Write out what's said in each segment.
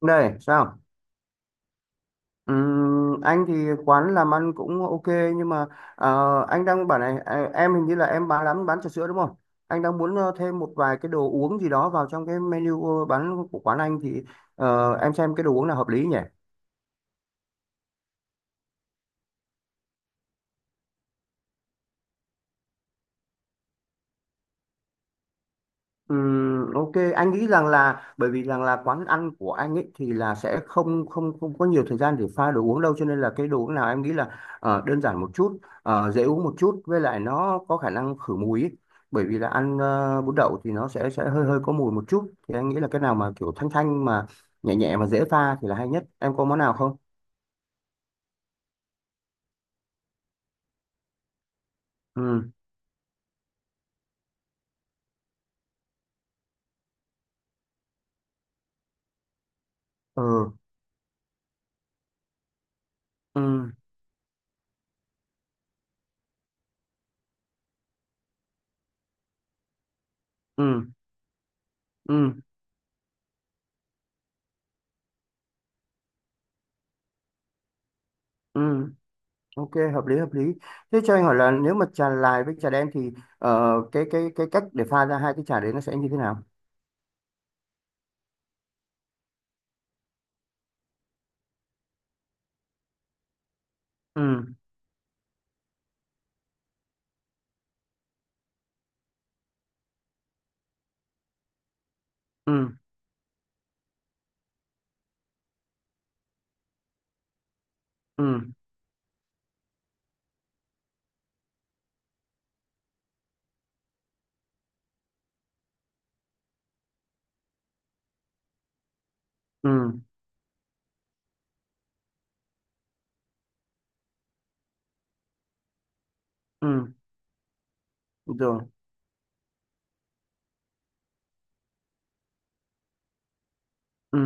Đây, sao? Anh thì quán làm ăn cũng ok nhưng mà ờ, anh đang bảo này à, em hình như là em bán lắm bán trà sữa đúng không? Anh đang muốn thêm một vài cái đồ uống gì đó vào trong cái menu bán của quán anh thì em xem cái đồ uống nào hợp lý nhỉ? Ok, anh nghĩ rằng là bởi vì rằng là quán ăn của anh ấy thì là sẽ không không không có nhiều thời gian để pha đồ uống đâu, cho nên là cái đồ uống nào em nghĩ là đơn giản một chút, dễ uống một chút, với lại nó có khả năng khử mùi ấy. Bởi vì là ăn bún đậu thì nó sẽ hơi hơi có mùi một chút, thì anh nghĩ là cái nào mà kiểu thanh thanh mà nhẹ nhẹ mà dễ pha thì là hay nhất, em có món nào không? Ừ, ừ, ừ, ừ, ừ, ừ. Ok, hợp lý hợp lý. Thế cho anh hỏi là nếu mà trà lài với trà đen thì cái cách để pha ra hai cái trà đấy nó sẽ như thế nào? Ừ, ừ, ừ, ừ, ừ, rồi, ừ,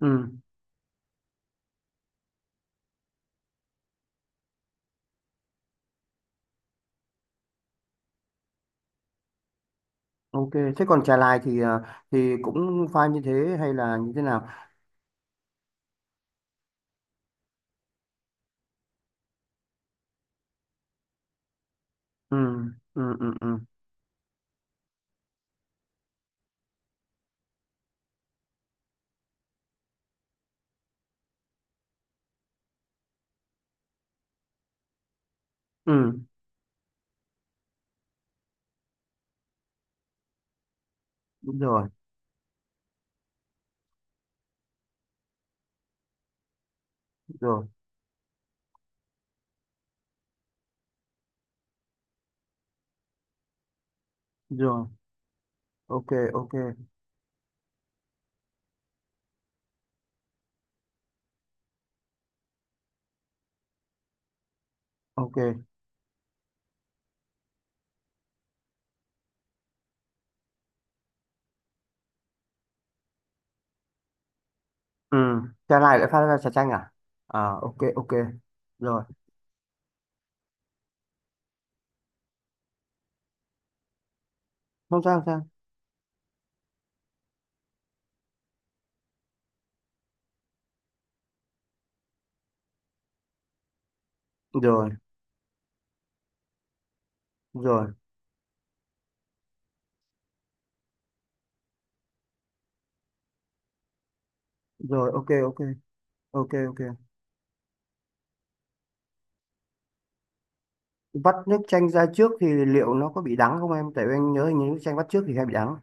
ừ, ok. Thế còn trà lài thì thì cũng pha như thế hay là như thế nào? Ừ, ừ, ừ, ừ, ừ, rồi, rồi, rồi, ok, ok, ok. Ừ, trà lài lại pha ra trà chanh à? À, ok, ok, rồi, không sao, không sao, rồi, rồi, rồi, ok, ok, ok, ok. Vắt nước chanh ra trước thì liệu nó có bị đắng không em? Tại vì anh nhớ hình như nước chanh vắt trước thì hay bị đắng.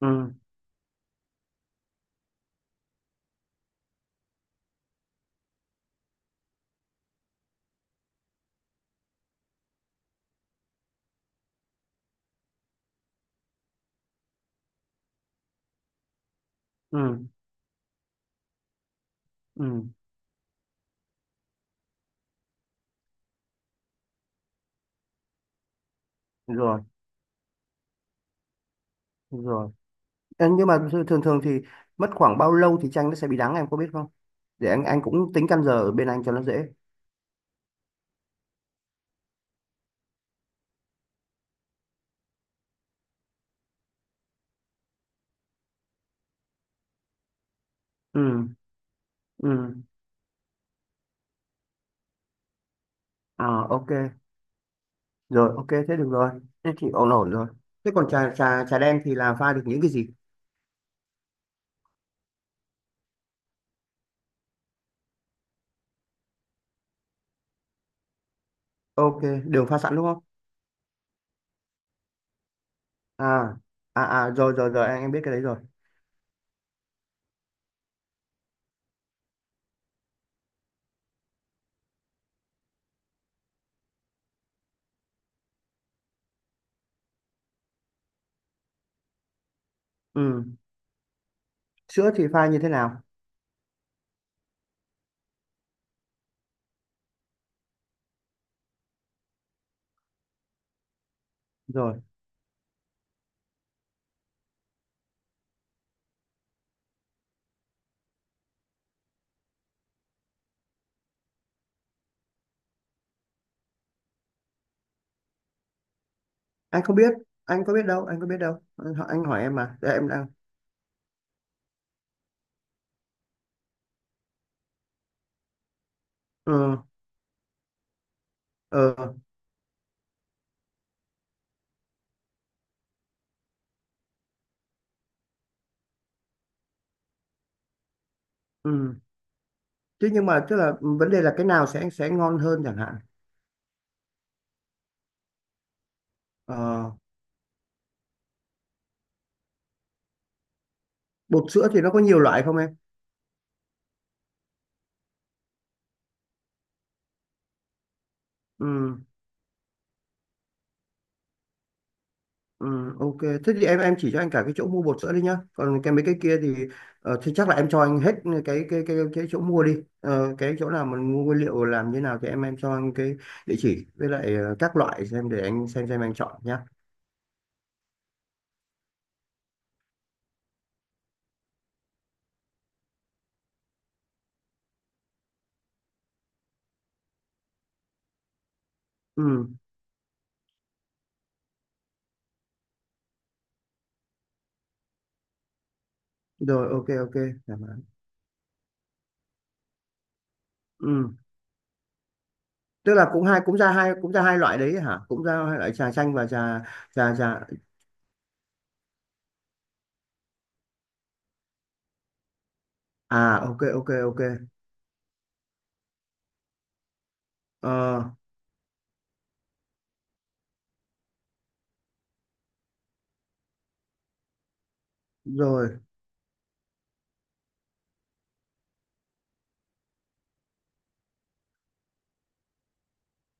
Ừ, ừ, ừ, rồi, rồi. Ê, nhưng mà thường thường thường thì mất khoảng bao lâu thì chanh nó sẽ bị đắng em có biết không? Để anh cũng tính căn giờ ở bên anh cho nó dễ. Ừ, ừ, à ok, rồi, ok, thế được rồi, thế thì ổn ổn rồi. Thế còn trà trà trà đen thì là pha được những cái gì? Ok, đường pha sẵn đúng không? À, à à, rồi rồi rồi, anh em biết cái đấy rồi. Ừ, sữa thì pha như thế nào? Rồi, anh không biết, anh có biết đâu, anh có biết đâu anh, anh hỏi em mà. Đây, em đang… Ừ, ừ, ừ. Chứ nhưng mà tức là vấn đề là cái nào sẽ ngon hơn chẳng hạn. Ờ, bột sữa thì nó có nhiều loại không em? Ừ, ừ, ok, thế thì em chỉ cho anh cả cái chỗ mua bột sữa đi nhá, còn cái mấy cái kia thì thì chắc là em cho anh hết cái chỗ mua đi. Ờ, cái chỗ nào mình mua nguyên liệu làm như nào thì em cho anh cái địa chỉ, với lại các loại xem để anh xem anh chọn nhá. Ừ, rồi, ok ok. Dạ vâng. Ừ. Tức là cũng hai, cũng ra hai, cũng ra hai loại đấy hả, cũng ra hai loại trà chanh và trà trà trà. À ok ok ok. Ờ, rồi.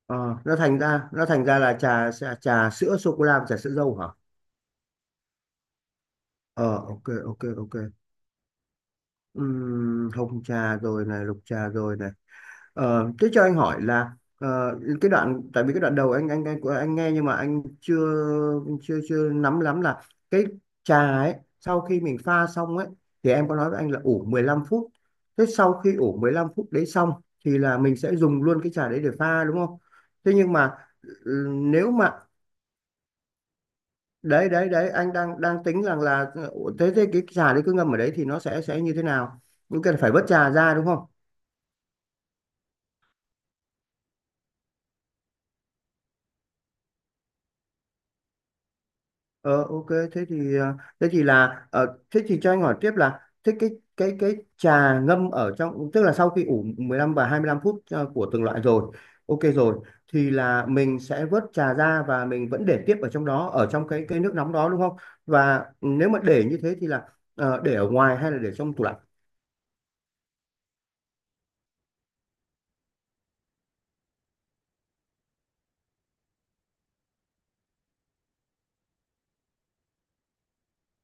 Ờ, nó thành ra là trà trà, trà sữa sô cô la và trà sữa dâu hả? Ờ ok ok ok. Hồng trà rồi này, lục trà rồi này. Ờ, thế cho anh hỏi là cái đoạn, tại vì cái đoạn đầu anh nghe nhưng mà anh chưa, chưa nắm lắm là cái trà ấy sau khi mình pha xong ấy thì em có nói với anh là ủ 15 phút. Thế sau khi ủ 15 phút đấy xong thì là mình sẽ dùng luôn cái trà đấy để pha đúng không? Thế nhưng mà… Ừ, nếu mà, đấy đấy đấy, anh đang đang tính rằng là, ừ, thế thế cái trà đấy cứ ngâm ở đấy thì nó sẽ như thế nào? Cũng cần phải vớt trà ra đúng không? Ờ ok, thế thì thế thì là thế thì cho anh hỏi tiếp là thế cái trà ngâm ở trong, tức là sau khi ủ 15 và 25 phút của từng loại rồi, ok rồi, thì là mình sẽ vớt trà ra và mình vẫn để tiếp ở trong đó, ở trong cái nước nóng đó đúng không? Và nếu mà để như thế thì là để ở ngoài hay là để trong tủ lạnh?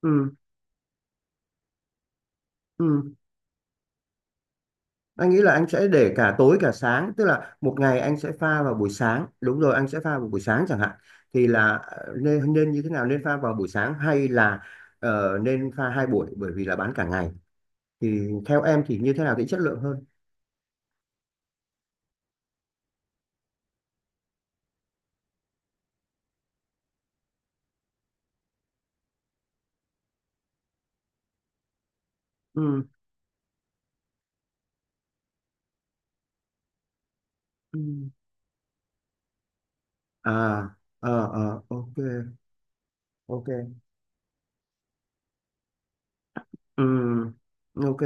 Ừ, ừ, anh nghĩ là anh sẽ để cả tối cả sáng, tức là một ngày anh sẽ pha vào buổi sáng, đúng rồi, anh sẽ pha vào buổi sáng chẳng hạn, thì là nên nên như thế nào, nên pha vào buổi sáng hay là nên pha hai buổi bởi vì là bán cả ngày, thì theo em thì như thế nào thì chất lượng hơn? Ừ. Ừ. À, ờ ờ ok, ok. Ừ, ok.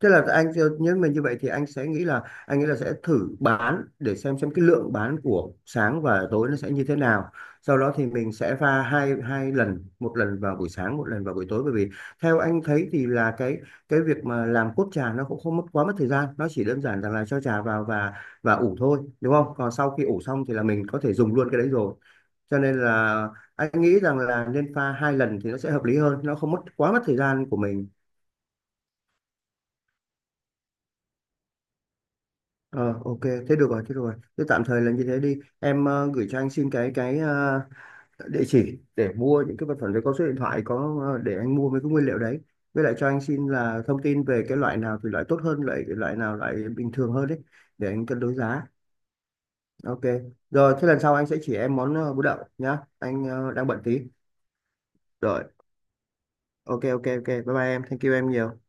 Tức là anh, nhưng mà như vậy thì anh sẽ nghĩ là, anh nghĩ là sẽ thử bán để xem cái lượng bán của sáng và tối nó sẽ như thế nào. Sau đó thì mình sẽ pha hai hai lần, một lần vào buổi sáng, một lần vào buổi tối, bởi vì theo anh thấy thì là cái việc mà làm cốt trà nó cũng không mất quá mất thời gian, nó chỉ đơn giản rằng là cho trà vào và ủ thôi, đúng không? Còn sau khi ủ xong thì là mình có thể dùng luôn cái đấy rồi. Cho nên là anh nghĩ rằng là nên pha hai lần thì nó sẽ hợp lý hơn, nó không mất quá mất thời gian của mình. Ờ, ok, thế được rồi, thế được rồi. Thế tạm thời là như thế đi. Em gửi cho anh xin cái địa chỉ để mua những cái vật phẩm đấy, có số điện thoại, có để anh mua mấy cái nguyên liệu đấy. Với lại cho anh xin là thông tin về cái loại nào thì loại tốt hơn, loại loại nào loại bình thường hơn đấy, để anh cân đối giá. Ok. Rồi, thế lần sau anh sẽ chỉ em món bún đậu nhá. Anh đang bận tí. Rồi, ok ok ok. Bye bye em. Thank you em nhiều.